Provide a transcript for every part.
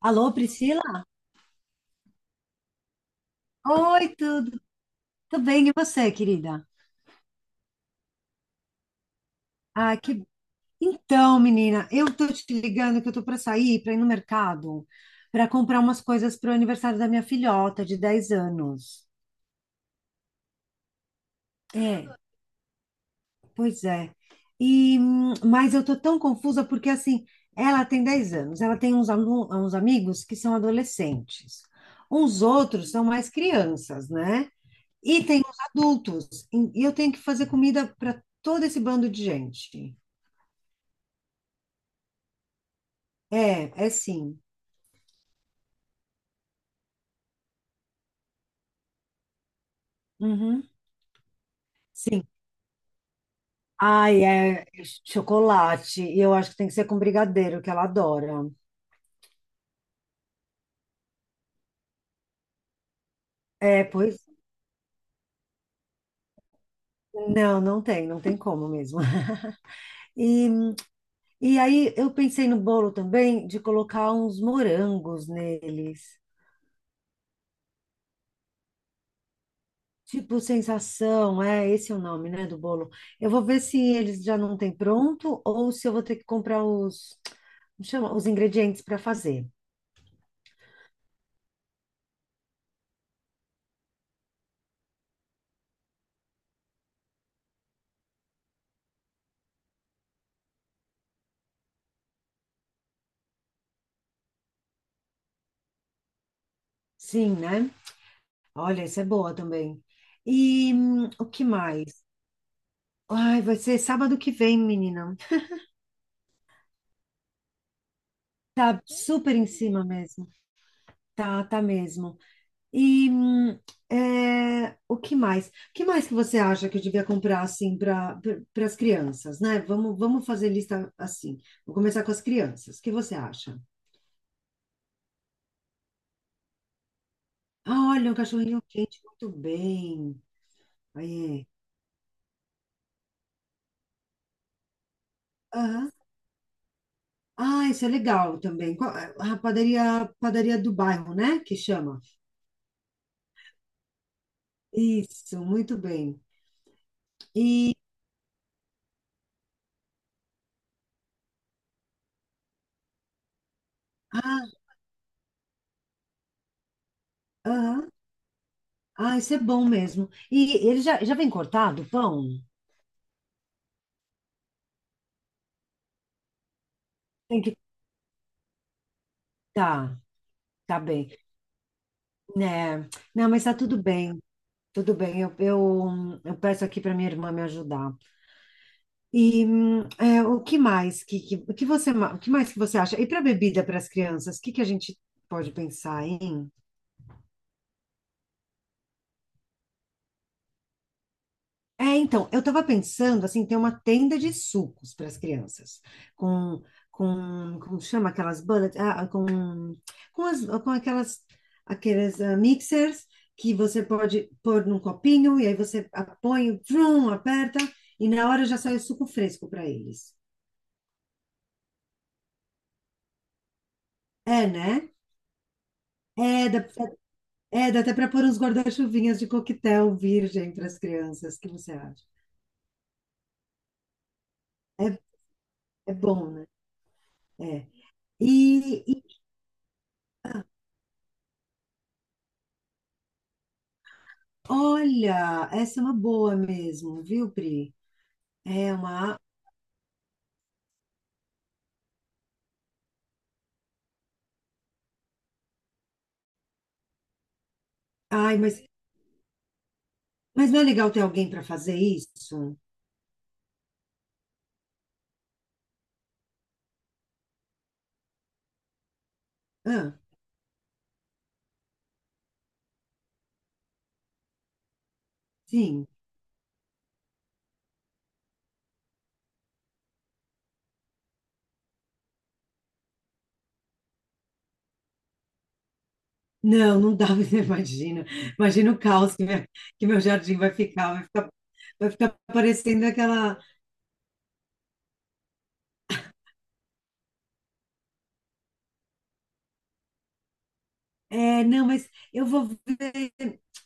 Alô, Priscila? Oi, tudo bem? E você, querida? Ah, que... Então, menina, eu tô te ligando que eu tô para sair, para ir no mercado, para comprar umas coisas pro aniversário da minha filhota de 10 anos. É, pois é. E, mas eu tô tão confusa porque, assim, ela tem 10 anos, ela tem uns amigos que são adolescentes, uns outros são mais crianças, né? E tem os adultos, e eu tenho que fazer comida para todo esse bando de gente. É, é sim. Uhum. Sim. Ai, é chocolate. E eu acho que tem que ser com brigadeiro, que ela adora. É, pois. Não, não tem como mesmo. E, e aí eu pensei no bolo também de colocar uns morangos neles. Tipo, sensação, é esse é o nome, né, do bolo. Eu vou ver se eles já não têm pronto ou se eu vou ter que comprar os, como chama, os ingredientes para fazer. Sim, né? Olha, isso é boa também. E o que mais? Ai, vai ser sábado que vem, menina. Tá super em cima mesmo. Tá, tá mesmo. E o que mais? O que mais que você acha que eu devia comprar assim para as crianças, né? Vamos, vamos fazer lista assim. Vou começar com as crianças. O que você acha? Ah, olha, um cachorrinho quente, muito bem. Aí, aham. Ah, isso é legal também. A padaria do bairro, né? Que chama. Isso, muito bem. E, ah, aham. Ah, isso é bom mesmo. E ele já vem cortado o pão? Tem que, tá, tá bem. Né? Não, mas tá tudo bem, tudo bem. Eu peço aqui para minha irmã me ajudar. E o que mais que, o que você, ma- o que mais que você acha? E para bebida para as crianças, o que que a gente pode pensar, hein? É, então, eu estava pensando assim, ter uma tenda de sucos para as crianças, com, como chama aquelas bullet, ah, com, as, com aquelas, aqueles ah, mixers que você pode pôr num copinho e aí você põe, o trum, aperta e na hora já sai o suco fresco para eles. É, né? É, dá, é, dá até para pôr uns guarda-chuvinhas de coquetel virgem para as crianças, o que você acha? É, é bom, né? É. E, Olha, essa é uma boa mesmo, viu, Pri? É uma. Ai, mas não é legal ter alguém para fazer isso? Ah, sim. Não, não dá, você imagina. Imagina o caos que meu jardim vai ficar, parecendo aquela. É, não, mas eu vou ver,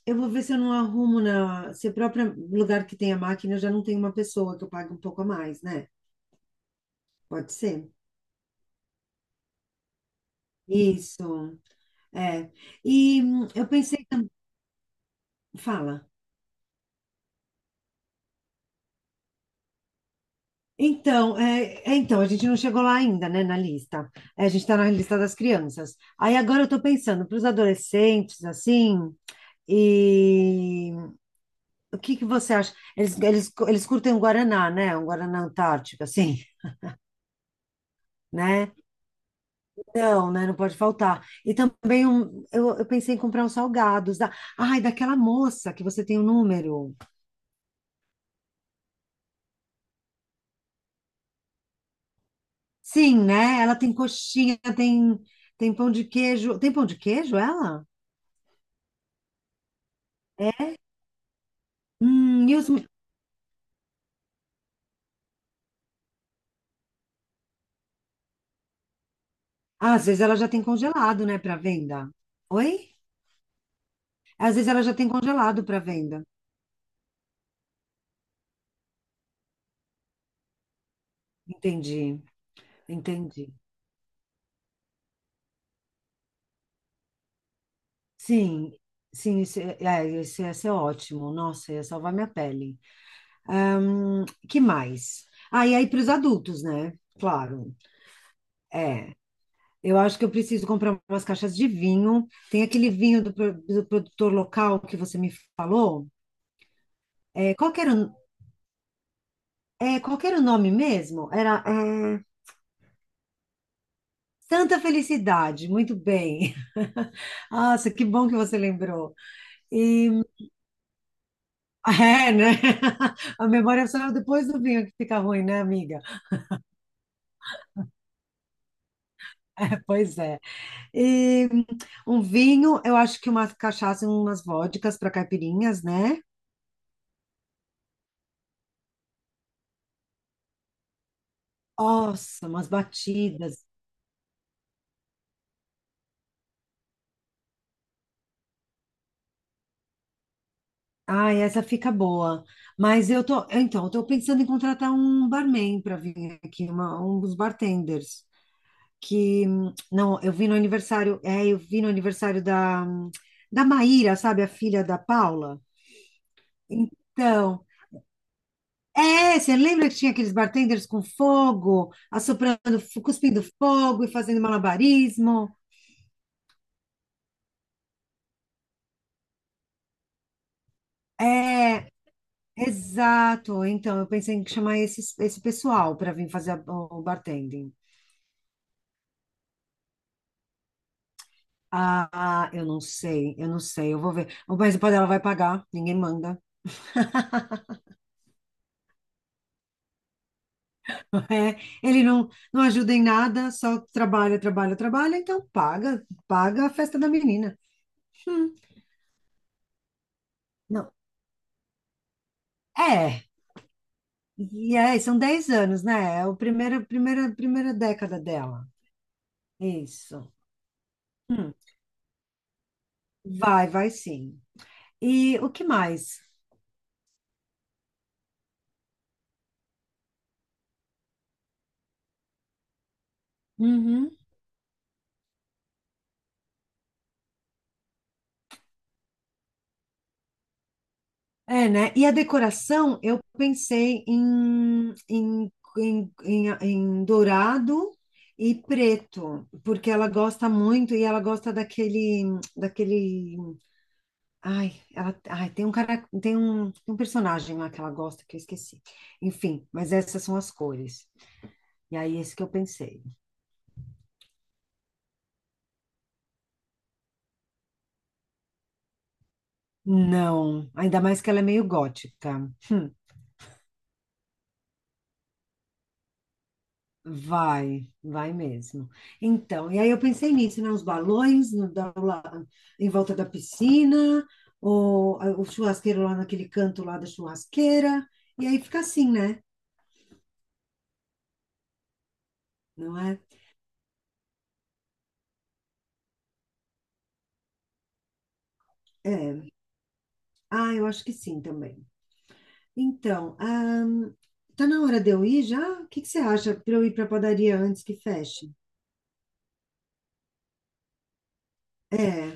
eu vou ver se eu não arrumo na. Se o próprio lugar que tem a máquina eu já não tem uma pessoa que eu pague um pouco a mais, né? Pode ser. Isso. É. E eu pensei também. Fala. Então, a gente não chegou lá ainda, né, na lista. É, a gente está na lista das crianças. Aí agora eu estou pensando para os adolescentes, assim, e o que que você acha? Eles curtem um Guaraná, né? Um Guaraná Antártico, assim, né? Não, né? Não pode faltar. E também eu pensei em comprar uns salgados. Daquela moça que você tem o número. Sim, né? Ela tem coxinha, tem pão de queijo. Tem pão de queijo, ela? Hum. Ah, às vezes ela já tem congelado, né, para venda. Oi? Às vezes ela já tem congelado para venda. Entendi, entendi. Sim, sim, isso é, esse é ótimo. Nossa, ia salvar minha pele. Que mais? Ah, e aí para os adultos, né? Claro. É. Eu acho que eu preciso comprar umas caixas de vinho. Tem aquele vinho do produtor local que você me falou. É, qual que era, qual que era o nome mesmo? Santa Felicidade, muito bem. Nossa, que bom que você lembrou. E é, né? A memória só é depois do vinho que fica ruim, né, amiga? É, pois é. E um vinho, eu acho que uma cachaça e umas vodkas para caipirinhas, né? Nossa, umas batidas. Ai, essa fica boa. Mas eu tô, então, eu tô pensando em contratar um barman para vir aqui, um dos bartenders. Que não, eu vi no aniversário, da Maíra, sabe, a filha da Paula. Então, você lembra que tinha aqueles bartenders com fogo, assoprando, cuspindo fogo e fazendo malabarismo? É, exato. Então, eu pensei em chamar esse pessoal para vir fazer o bartending. Ah, eu não sei, eu vou ver. Mas o ela vai pagar, ninguém manda. É, ele não ajuda em nada, só trabalha, trabalha, trabalha, então paga, paga a festa da menina. Hum, não. É, e aí, são 10 anos, né? É a primeira, primeira, primeira década dela. Isso. Hum, Vai, vai sim. E o que mais? Uhum. É, né? E a decoração, eu pensei em dourado e preto, porque ela gosta muito e ela gosta daquele, daquele Ai, ela, ai, tem um cara, tem um personagem lá que ela gosta que eu esqueci. Enfim, mas essas são as cores. E aí, esse que eu pensei. Não, ainda mais que ela é meio gótica. Hum, Vai, vai mesmo. Então, e aí eu pensei nisso, né? Os balões lá em volta da piscina, ou o churrasqueiro lá naquele canto lá da churrasqueira. E aí fica assim, né? Não é? É. Ah, eu acho que sim também. Então, tá na hora de eu ir já? O que que você acha para eu ir para a padaria antes que feche? É,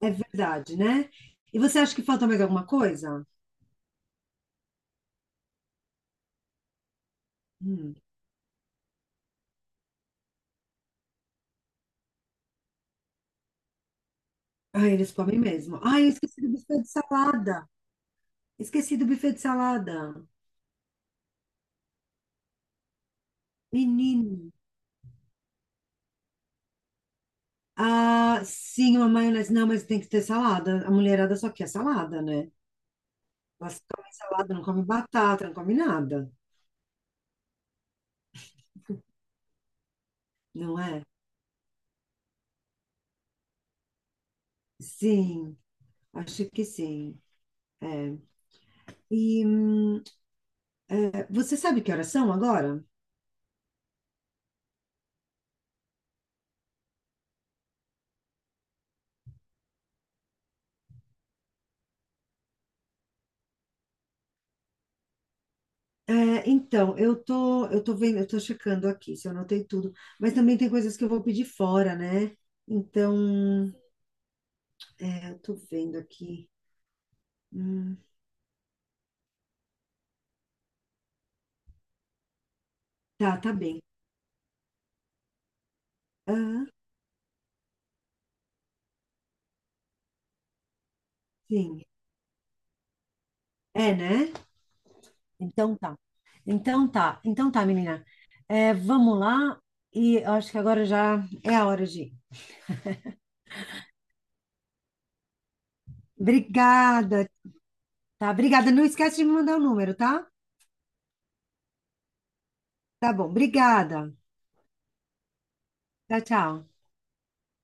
é verdade, né? E você acha que falta mais alguma coisa? Hum. Ah, eles comem mesmo. Ah, eu esqueci do buffet de salada. Esqueci do buffet de salada. Menino. Ah, sim, uma maionese. Não, mas tem que ter salada. A mulherada só quer salada, né? Elas comem salada, não come batata, não come nada, não é? Sim, acho que sim. É. E, hum, Você sabe que horas são agora? É, então, eu tô checando aqui se eu anotei tudo, mas também tem coisas que eu vou pedir fora, né? Então, eu tô vendo aqui. Hum, tá, tá bem. Ah, sim. É, né? Então tá. Então tá. Então tá, menina. É, vamos lá. E eu acho que agora já é a hora de ir. Obrigada, tá? Obrigada. Não esquece de me mandar o número, tá? Tá bom. Obrigada. Tchau, tchau.